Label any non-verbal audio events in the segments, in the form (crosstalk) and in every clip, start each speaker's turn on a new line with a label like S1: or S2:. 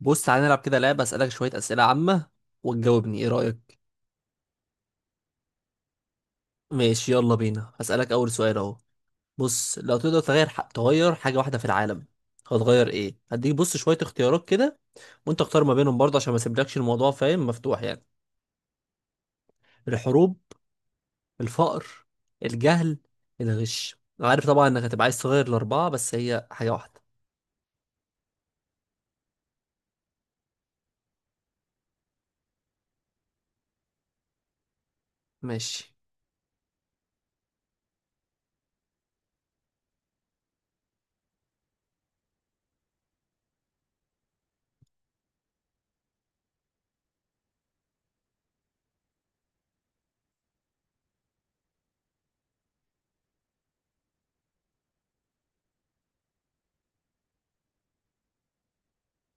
S1: بص تعالى نلعب كده لعبة أسألك شوية أسئلة عامة وتجاوبني، إيه رأيك؟ ماشي يلا بينا هسألك أول سؤال أهو. بص لو تقدر تغير تغير حاجة واحدة في العالم هتغير إيه؟ هديك بص شوية اختيارات كده وأنت اختار ما بينهم برضه عشان ما اسيبلكش الموضوع، فاهم؟ مفتوح يعني: الحروب، الفقر، الجهل، الغش. أنا عارف طبعا إنك هتبقى عايز تغير الأربعة بس هي حاجة واحدة. ماشي.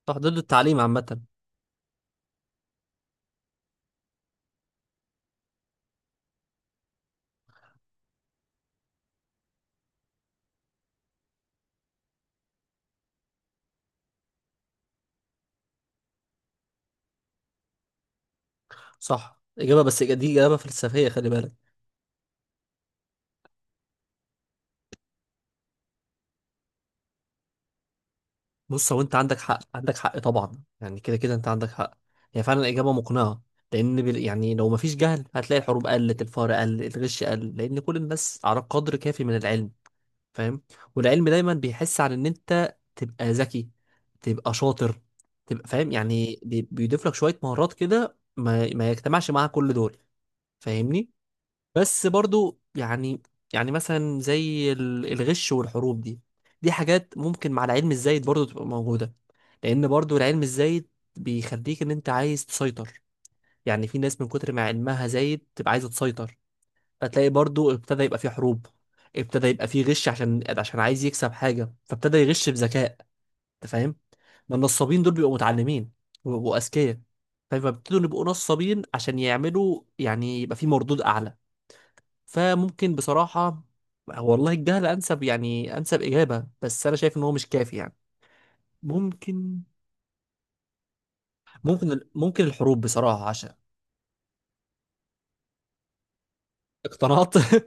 S1: صح، ضد التعليم عامة. صح، إجابة، بس دي إجابة فلسفية خلي بالك. بص هو انت عندك حق، عندك حق طبعا، يعني كده كده انت عندك حق. هي فعلا اجابه مقنعه، لان يعني لو مفيش جهل هتلاقي الحروب قلت، الفقر قل، الغش قل، لان كل الناس على قدر كافي من العلم، فاهم؟ والعلم دايما بيحس على ان انت تبقى ذكي، تبقى شاطر، تبقى فاهم، يعني بيضيف لك شويه مهارات كده ما يجتمعش معاها كل دول. فاهمني؟ بس برضو يعني، يعني مثلا زي الغش والحروب دي، دي حاجات ممكن مع العلم الزايد برضو تبقى موجودة. لأن برضو العلم الزايد بيخليك إن أنت عايز تسيطر، يعني في ناس من كتر ما علمها زايد تبقى عايزة تسيطر. فتلاقي برضو ابتدى يبقى في حروب، ابتدى يبقى في غش عشان عايز يكسب حاجة فابتدى يغش بذكاء. أنت فاهم؟ ما النصابين دول بيبقوا متعلمين وبيبقوا أذكياء، فبيبتدوا يبقوا نصابين عشان يعملوا، يعني يبقى في مردود أعلى. فممكن بصراحة، والله الجهل أنسب يعني، أنسب إجابة، بس أنا شايف إن هو مش كافي يعني. ممكن ممكن الحروب بصراحة عشان اقتنعت. (laughs)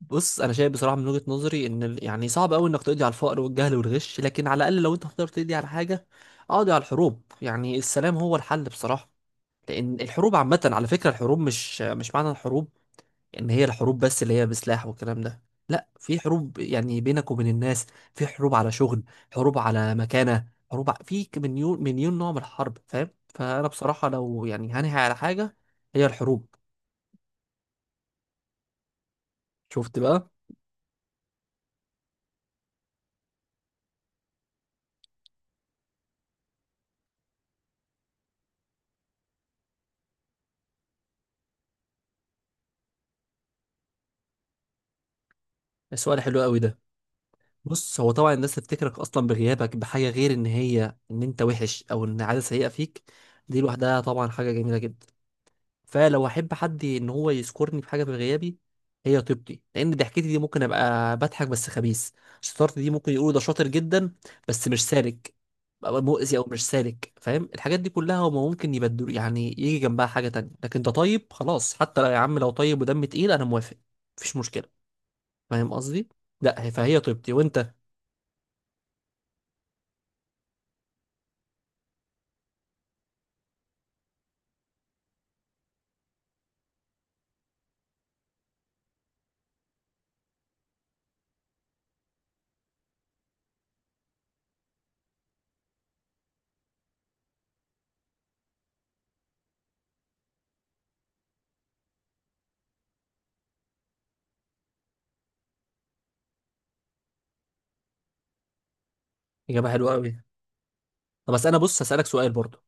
S1: بص أنا شايف بصراحة من وجهة نظري إن يعني صعب أوي إنك تقضي على الفقر والجهل والغش، لكن على الأقل لو أنت هتقدر تقضي على حاجة اقضي على الحروب، يعني السلام هو الحل بصراحة. لأن الحروب عامة، على فكرة الحروب مش معنى الحروب ان هي الحروب بس اللي هي بسلاح والكلام ده، لا، في حروب يعني بينك وبين الناس، في حروب على شغل، حروب على مكانة، حروب مليون مليون نوع من الحرب، فاهم؟ فانا بصراحة لو يعني هنهي على حاجة هي الحروب. شفت بقى؟ السؤال حلو قوي ده. بص هو طبعا الناس تفتكرك اصلا بغيابك بحاجة غير ان هي ان انت وحش او ان عادة سيئة فيك، دي لوحدها طبعا حاجة جميلة جدا. فلو احب حد ان هو يذكرني بحاجه في غيابي هي طيبتي، لان ضحكتي دي ممكن ابقى بضحك بس خبيث، شطارتي دي ممكن يقولوا ده شاطر جدا بس مش سالك، أبقى مؤذي او مش سالك. فاهم؟ الحاجات دي كلها هما ممكن يبدل، يعني يجي جنبها حاجه تانية، لكن ده طيب خلاص، حتى لو يا عم لو طيب ودم تقيل انا موافق، مفيش مشكله. فاهم قصدي؟ لا فهي طيبتي، وانت؟ اجابه حلوه قوي. طب بس انا بص هسالك سؤال برضو.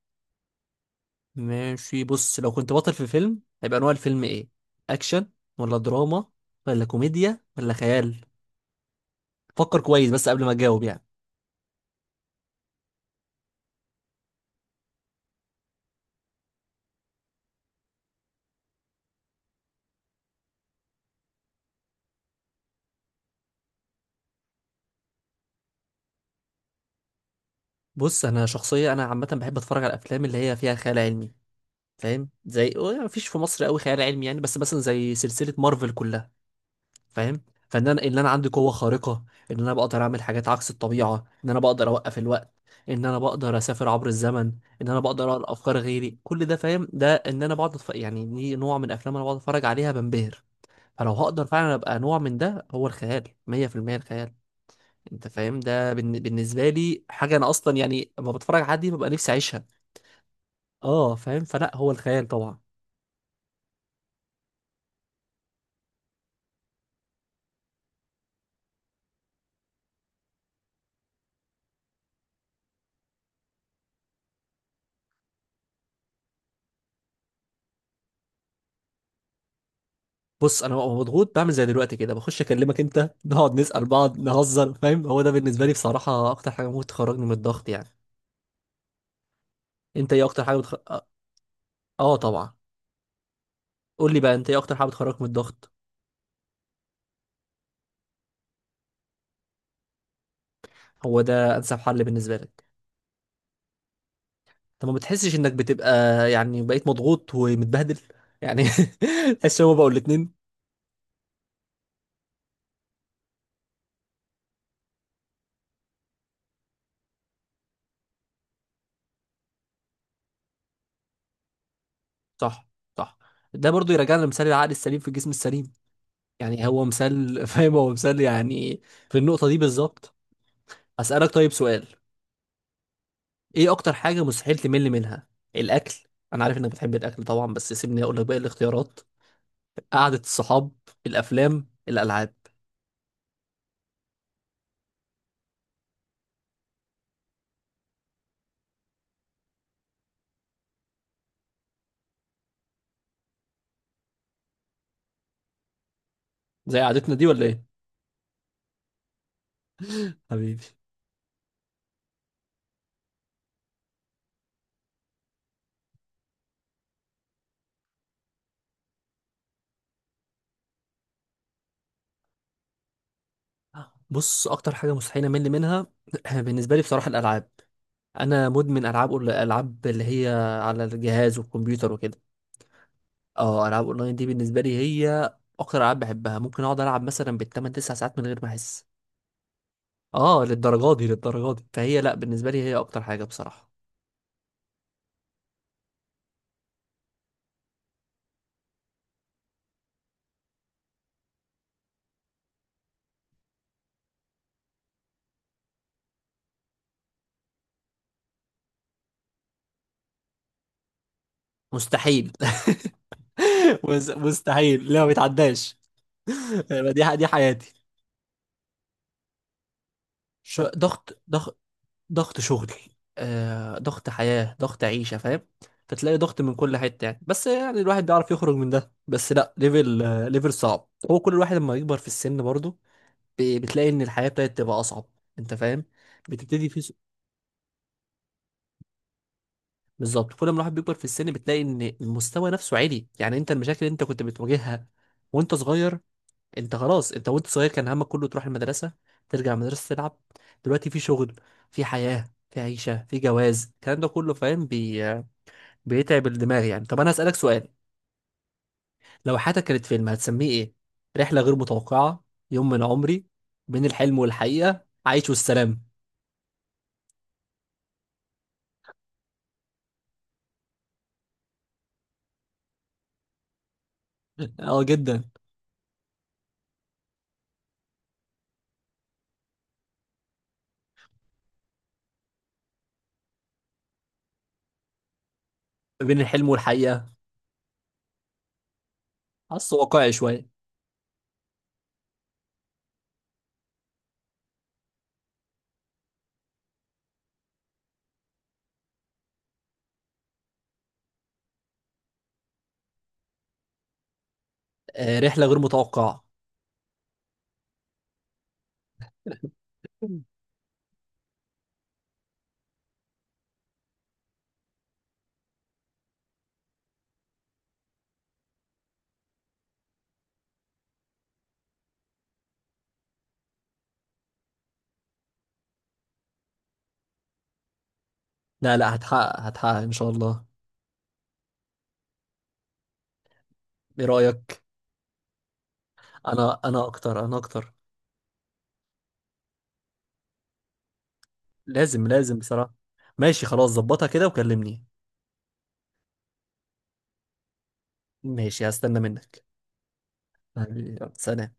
S1: ماشي، بص لو كنت بطل في فيلم هيبقى نوع الفيلم ايه؟ اكشن ولا دراما ولا كوميديا ولا خيال؟ فكر كويس بس قبل ما تجاوب يعني. بص انا شخصيه، انا عامه بحب اتفرج على الافلام اللي هي فيها خيال علمي، فاهم؟ زي مفيش في مصر قوي خيال علمي يعني، بس مثلا زي سلسله مارفل كلها، فاهم؟ فان انا ان انا عندي قوه خارقه، ان انا بقدر اعمل حاجات عكس الطبيعه، ان انا بقدر اوقف الوقت، ان انا بقدر اسافر عبر الزمن، ان انا بقدر اقرا افكار غيري، كل ده فاهم؟ ده ان انا بقعد يعني دي نوع من افلام انا بقعد اتفرج عليها بنبهر. فلو هقدر فعلا ابقى نوع من ده، هو الخيال، 100%، الخيال. انت فاهم ده بالنسبه لي حاجه انا اصلا، يعني لما بتفرج على حد دي ببقى نفسي اعيشها. اه فاهم، فلا هو الخيال طبعا. بص انا ببقى مضغوط بعمل زي دلوقتي كده، بخش اكلمك انت، نقعد نسأل بعض، نهزر، فاهم؟ هو ده بالنسبه لي بصراحه اكتر حاجه ممكن تخرجني من الضغط يعني. انت ايه اكتر حاجه اه طبعا. قول لي بقى انت، ايه اكتر حاجه بتخرجك من الضغط؟ هو ده انسب حل بالنسبه لك؟ انت ما بتحسش انك بتبقى، يعني بقيت مضغوط ومتبهدل يعني؟ (laughs) تحس؟ هو بقول الاتنين. صح، صح. ده برضو يرجعنا لمثال العقل السليم في الجسم السليم يعني، هو مثال (laughs) فاهم؟ هو مثال يعني، في النقطه دي بالظبط. اسالك طيب سؤال: ايه اكتر حاجة مستحيل تمل منها؟ الاكل؟ انا عارف انك بتحب الاكل طبعا، بس سيبني اقول لك باقي الاختيارات: قعدة الصحاب، الافلام، الالعاب. زي قعدتنا دي ولا ايه؟ حبيبي. بص اكتر حاجة مستحيل امل منها (clears throat) بالنسبة لي بصراحة الالعاب. انا مدمن العاب العاب اللي هي على الجهاز والكمبيوتر وكده. اه، العاب اونلاين دي بالنسبة لي هي اكتر العاب بحبها، ممكن اقعد العب مثلا بالتمن تسع ساعات من غير ما احس. اه للدرجات دي، للدرجات دي، فهي لا بالنسبة لي هي اكتر حاجة بصراحة. مستحيل. (laughs) مستحيل، لا ما بيتعداش. دي دي حياتي. ضغط، ضغط شغل، ضغط حياة، ضغط عيشة، فاهم؟ فتلاقي ضغط من كل حتة يعني، بس يعني الواحد بيعرف يخرج من ده، بس لا ليفل ليفل صعب، هو كل الواحد لما يكبر في السن برضه بتلاقي ان الحياة ابتدت تبقى اصعب. انت فاهم؟ بتبتدي في بالظبط كل ما الواحد بيكبر في السن بتلاقي ان المستوى نفسه عالي، يعني انت المشاكل اللي انت كنت بتواجهها وانت صغير، انت خلاص، انت وانت صغير كان همك كله تروح المدرسة، ترجع المدرسة تلعب، دلوقتي في شغل، في حياة، في عيشة، في جواز، الكلام ده كله فاهم؟ بيتعب الدماغ يعني. طب انا هسألك سؤال: لو حياتك كانت فيلم هتسميه ايه؟ رحلة غير متوقعة، يوم من عمري، بين الحلم والحقيقة، عايش والسلام؟ (laughs) اه جدا. بين الحلم والحقيقة، حاسه واقعي شوية. آه رحلة غير متوقعة. لا لا، هتحقق هتحقق ان شاء الله. ايه رأيك؟ انا اكتر. لازم لازم بصراحة. ماشي خلاص، ظبطها كده وكلمني. ماشي هستنى منك. حبيبي، يلا، سلام.